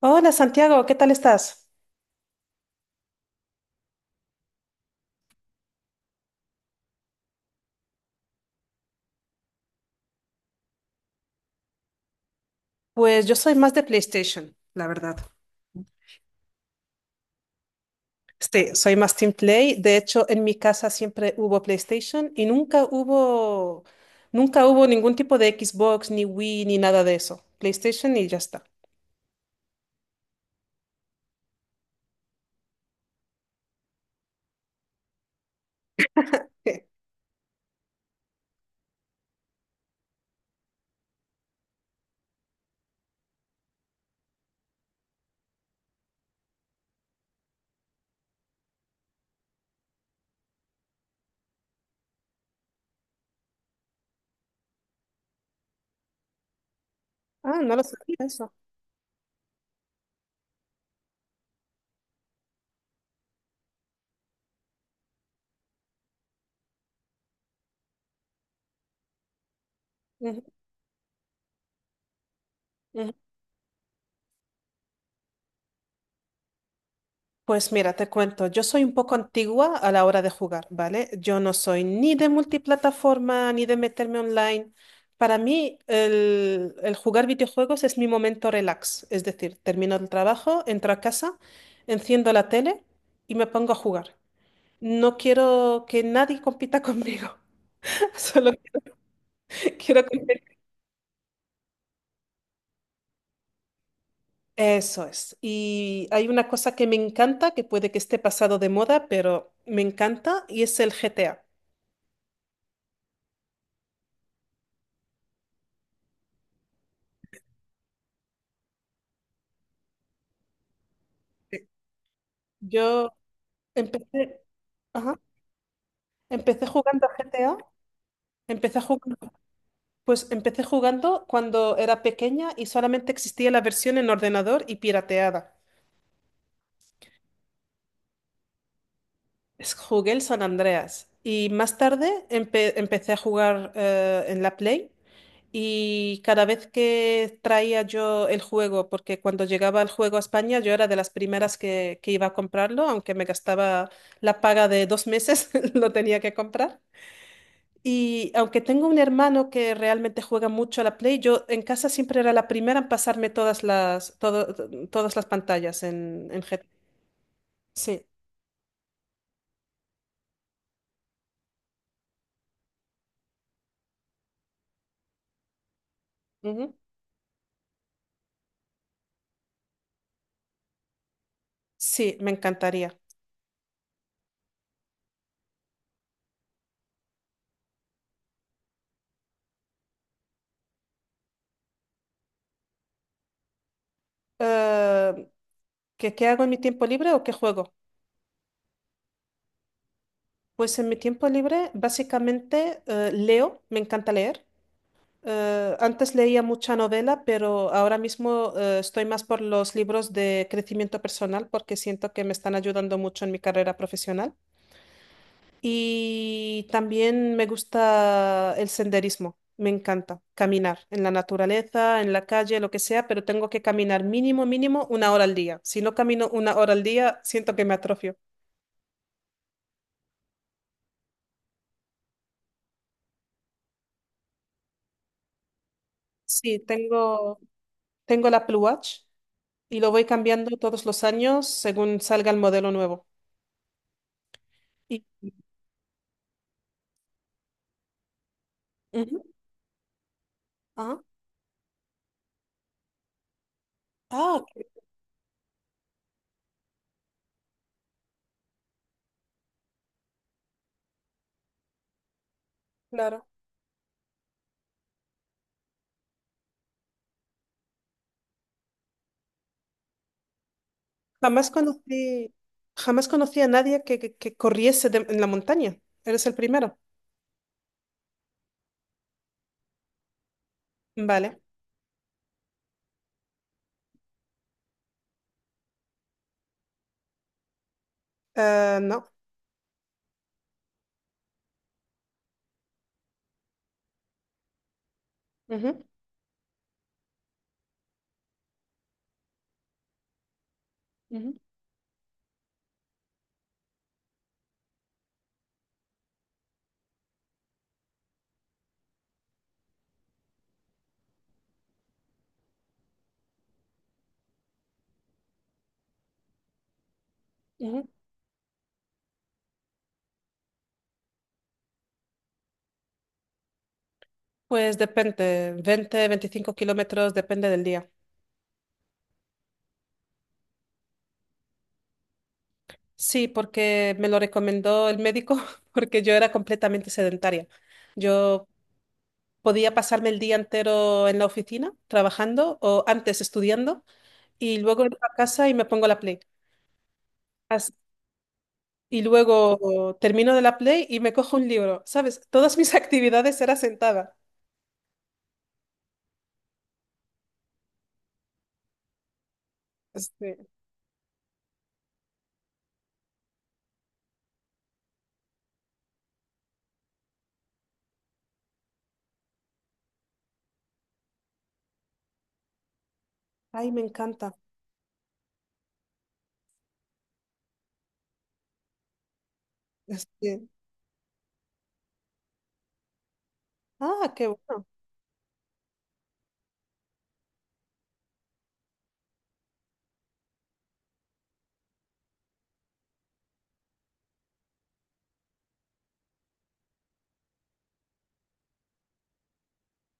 Hola, Santiago, ¿qué tal estás? Pues yo soy más de PlayStation, la verdad. Sí, soy más Team Play. De hecho, en mi casa siempre hubo PlayStation y nunca hubo ningún tipo de Xbox, ni Wii, ni nada de eso. PlayStation y ya está. Ah, no lo sabía eso. Ujú, ujú. Pues mira, te cuento, yo soy un poco antigua a la hora de jugar, ¿vale? Yo no soy ni de multiplataforma ni de meterme online. Para mí, el jugar videojuegos es mi momento relax, es decir, termino el trabajo, entro a casa, enciendo la tele y me pongo a jugar. No quiero que nadie compita conmigo, solo que quiero competir. Eso es. Y hay una cosa que me encanta, que puede que esté pasado de moda, pero me encanta y es el GTA. Yo Empecé, ajá, empecé jugando a GTA. Empecé jugando, pues empecé jugando cuando era pequeña y solamente existía la versión en ordenador y pirateada. Jugué el San Andreas y más tarde empecé a jugar en la Play y cada vez que traía yo el juego, porque cuando llegaba el juego a España yo era de las primeras que iba a comprarlo, aunque me gastaba la paga de 2 meses, lo tenía que comprar. Y aunque tengo un hermano que realmente juega mucho a la Play, yo en casa siempre era la primera en pasarme todas las pantallas en GTA. Sí, ujú. Sí, me encantaría. Eh, ¿qué hago en mi tiempo libre o qué juego? Pues en mi tiempo libre básicamente leo, me encanta leer. Antes leía mucha novela, pero ahora mismo estoy más por los libros de crecimiento personal porque siento que me están ayudando mucho en mi carrera profesional. Y también me gusta el senderismo, me encanta caminar en la naturaleza, en la calle, lo que sea, pero tengo que caminar mínimo, mínimo 1 hora al día. Si no camino 1 hora al día, siento que me atrofio. Sí, tengo el Apple Watch y lo voy cambiando todos los años según salga el modelo nuevo. Y, ujú, ajá. Ah, qué- claro. Jamás conocí, jamás conocí a nadie que corriese en la montaña. Eres el primero. Vale. No. Ujú. Ujú, ujú. Pues depende, 20, 25 kilómetros, depende del día. Sí, porque me lo recomendó el médico, porque yo era completamente sedentaria. Yo podía pasarme el día entero en la oficina trabajando o antes estudiando y luego entro a casa y me pongo la Play. As- Y luego termino de la Play y me cojo un libro, ¿sabes? Todas mis actividades eran sentada. Este, ay, me encanta. Este, ah, qué bueno,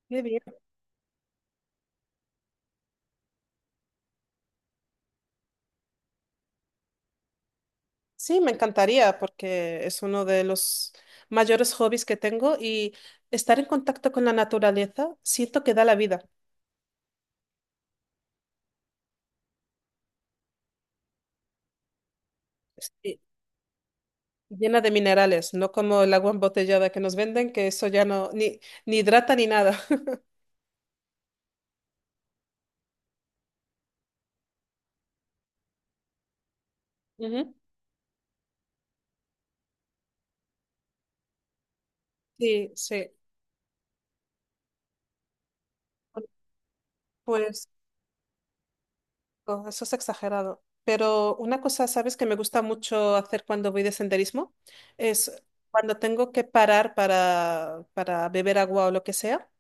qué bien. Sí, me encantaría porque es uno de los mayores hobbies que tengo y estar en contacto con la naturaleza siento que da la vida. Sí, llena de minerales, no como el agua embotellada que nos venden, que eso ya no, ni, ni hidrata ni nada. Ujú. Sí, sí. Pues oh, eso es exagerado. Pero una cosa, ¿sabes?, que me gusta mucho hacer cuando voy de senderismo es cuando tengo que parar para beber agua o lo que sea.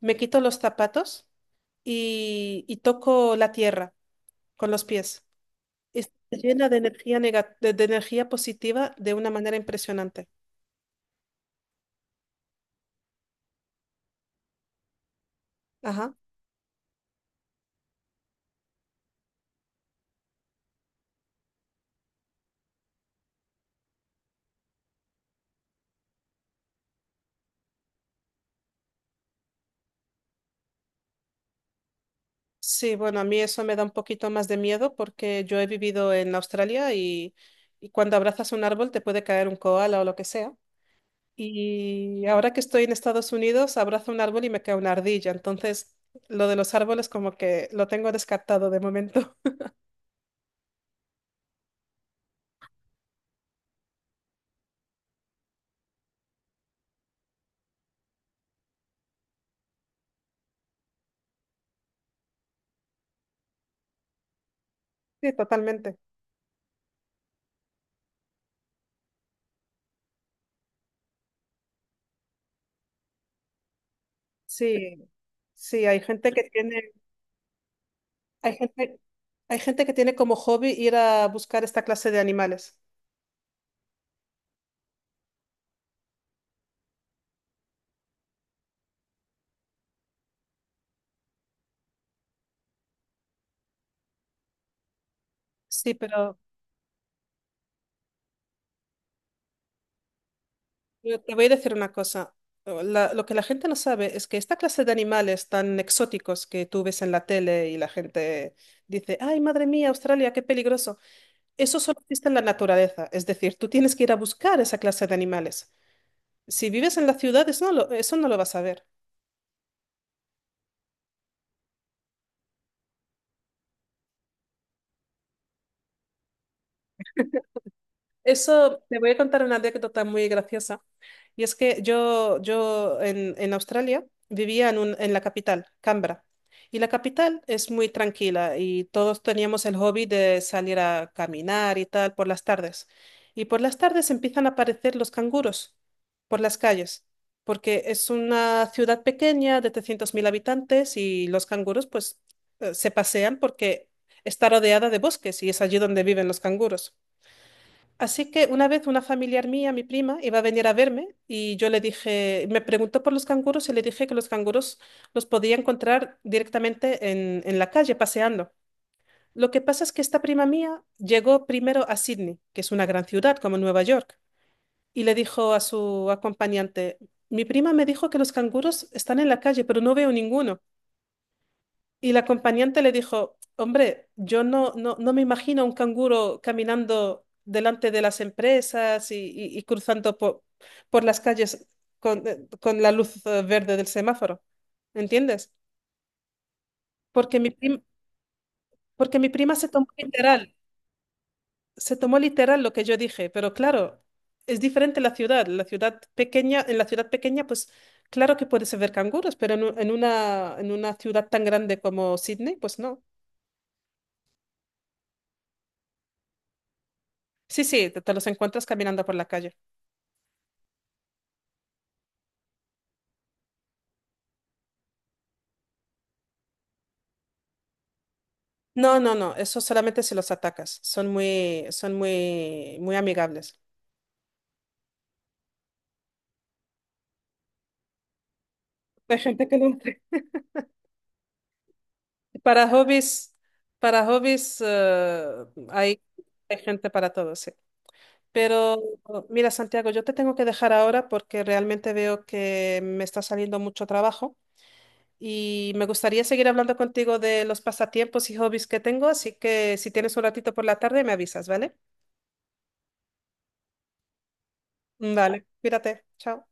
Me quito los zapatos y toco la tierra con los pies. Está llena de de energía positiva de una manera impresionante. Ajá. Sí, bueno, a mí eso me da un poquito más de miedo porque yo he vivido en Australia y cuando abrazas un árbol te puede caer un koala o lo que sea. Y ahora que estoy en Estados Unidos, abrazo un árbol y me cae una ardilla. Entonces, lo de los árboles como que lo tengo descartado de momento. Sí, totalmente. Sí, sí, hay gente que tiene. Hay gente, hay gente que tiene como hobby ir a buscar esta clase de animales. Sí, pero yo te voy a decir una cosa. Oh, lo que la gente no sabe es que esta clase de animales tan exóticos que tú ves en la tele y la gente dice, ay, madre mía, Australia, qué peligroso. Eso solo existe en la naturaleza. Es decir, tú tienes que ir a buscar esa clase de animales. Si vives en la ciudad, eso no lo vas a ver. Eso, te voy a contar una anécdota muy graciosa. Y es que yo en Australia vivía en, en la capital, Canberra. Y la capital es muy tranquila y todos teníamos el hobby de salir a caminar y tal por las tardes. Y por las tardes empiezan a aparecer los canguros por las calles, porque es una ciudad pequeña de 300.000 habitantes y los canguros pues se pasean porque está rodeada de bosques y es allí donde viven los canguros. Así que una vez una familiar mía, mi prima, iba a venir a verme y yo le dije, me preguntó por los canguros y le dije que los canguros los podía encontrar directamente en la calle, paseando. Lo que pasa es que esta prima mía llegó primero a Sydney, que es una gran ciudad como Nueva York, y le dijo a su acompañante, mi prima me dijo que los canguros están en la calle, pero no veo ninguno. Y la acompañante le dijo, hombre, yo no me imagino un canguro caminando delante de las empresas y, y cruzando por las calles con la luz verde del semáforo. ¿Entiendes? Porque mi prim- porque mi prima se tomó literal lo que yo dije, pero claro, es diferente la ciudad. La ciudad pequeña, en la ciudad pequeña, pues claro que puedes ver canguros, pero en, en una ciudad tan grande como Sydney, pues no. Sí, sí, te los encuentras caminando por la calle. No, no, no, eso solamente si los atacas. Son muy, muy amigables. Hay gente que lo hace. Para hobbies, para hobbies, hay, hay gente para todo, sí. Pero mira, Santiago, yo te tengo que dejar ahora porque realmente veo que me está saliendo mucho trabajo y me gustaría seguir hablando contigo de los pasatiempos y hobbies que tengo, así que si tienes un ratito por la tarde me avisas, ¿vale? Vale, cuídate, chao.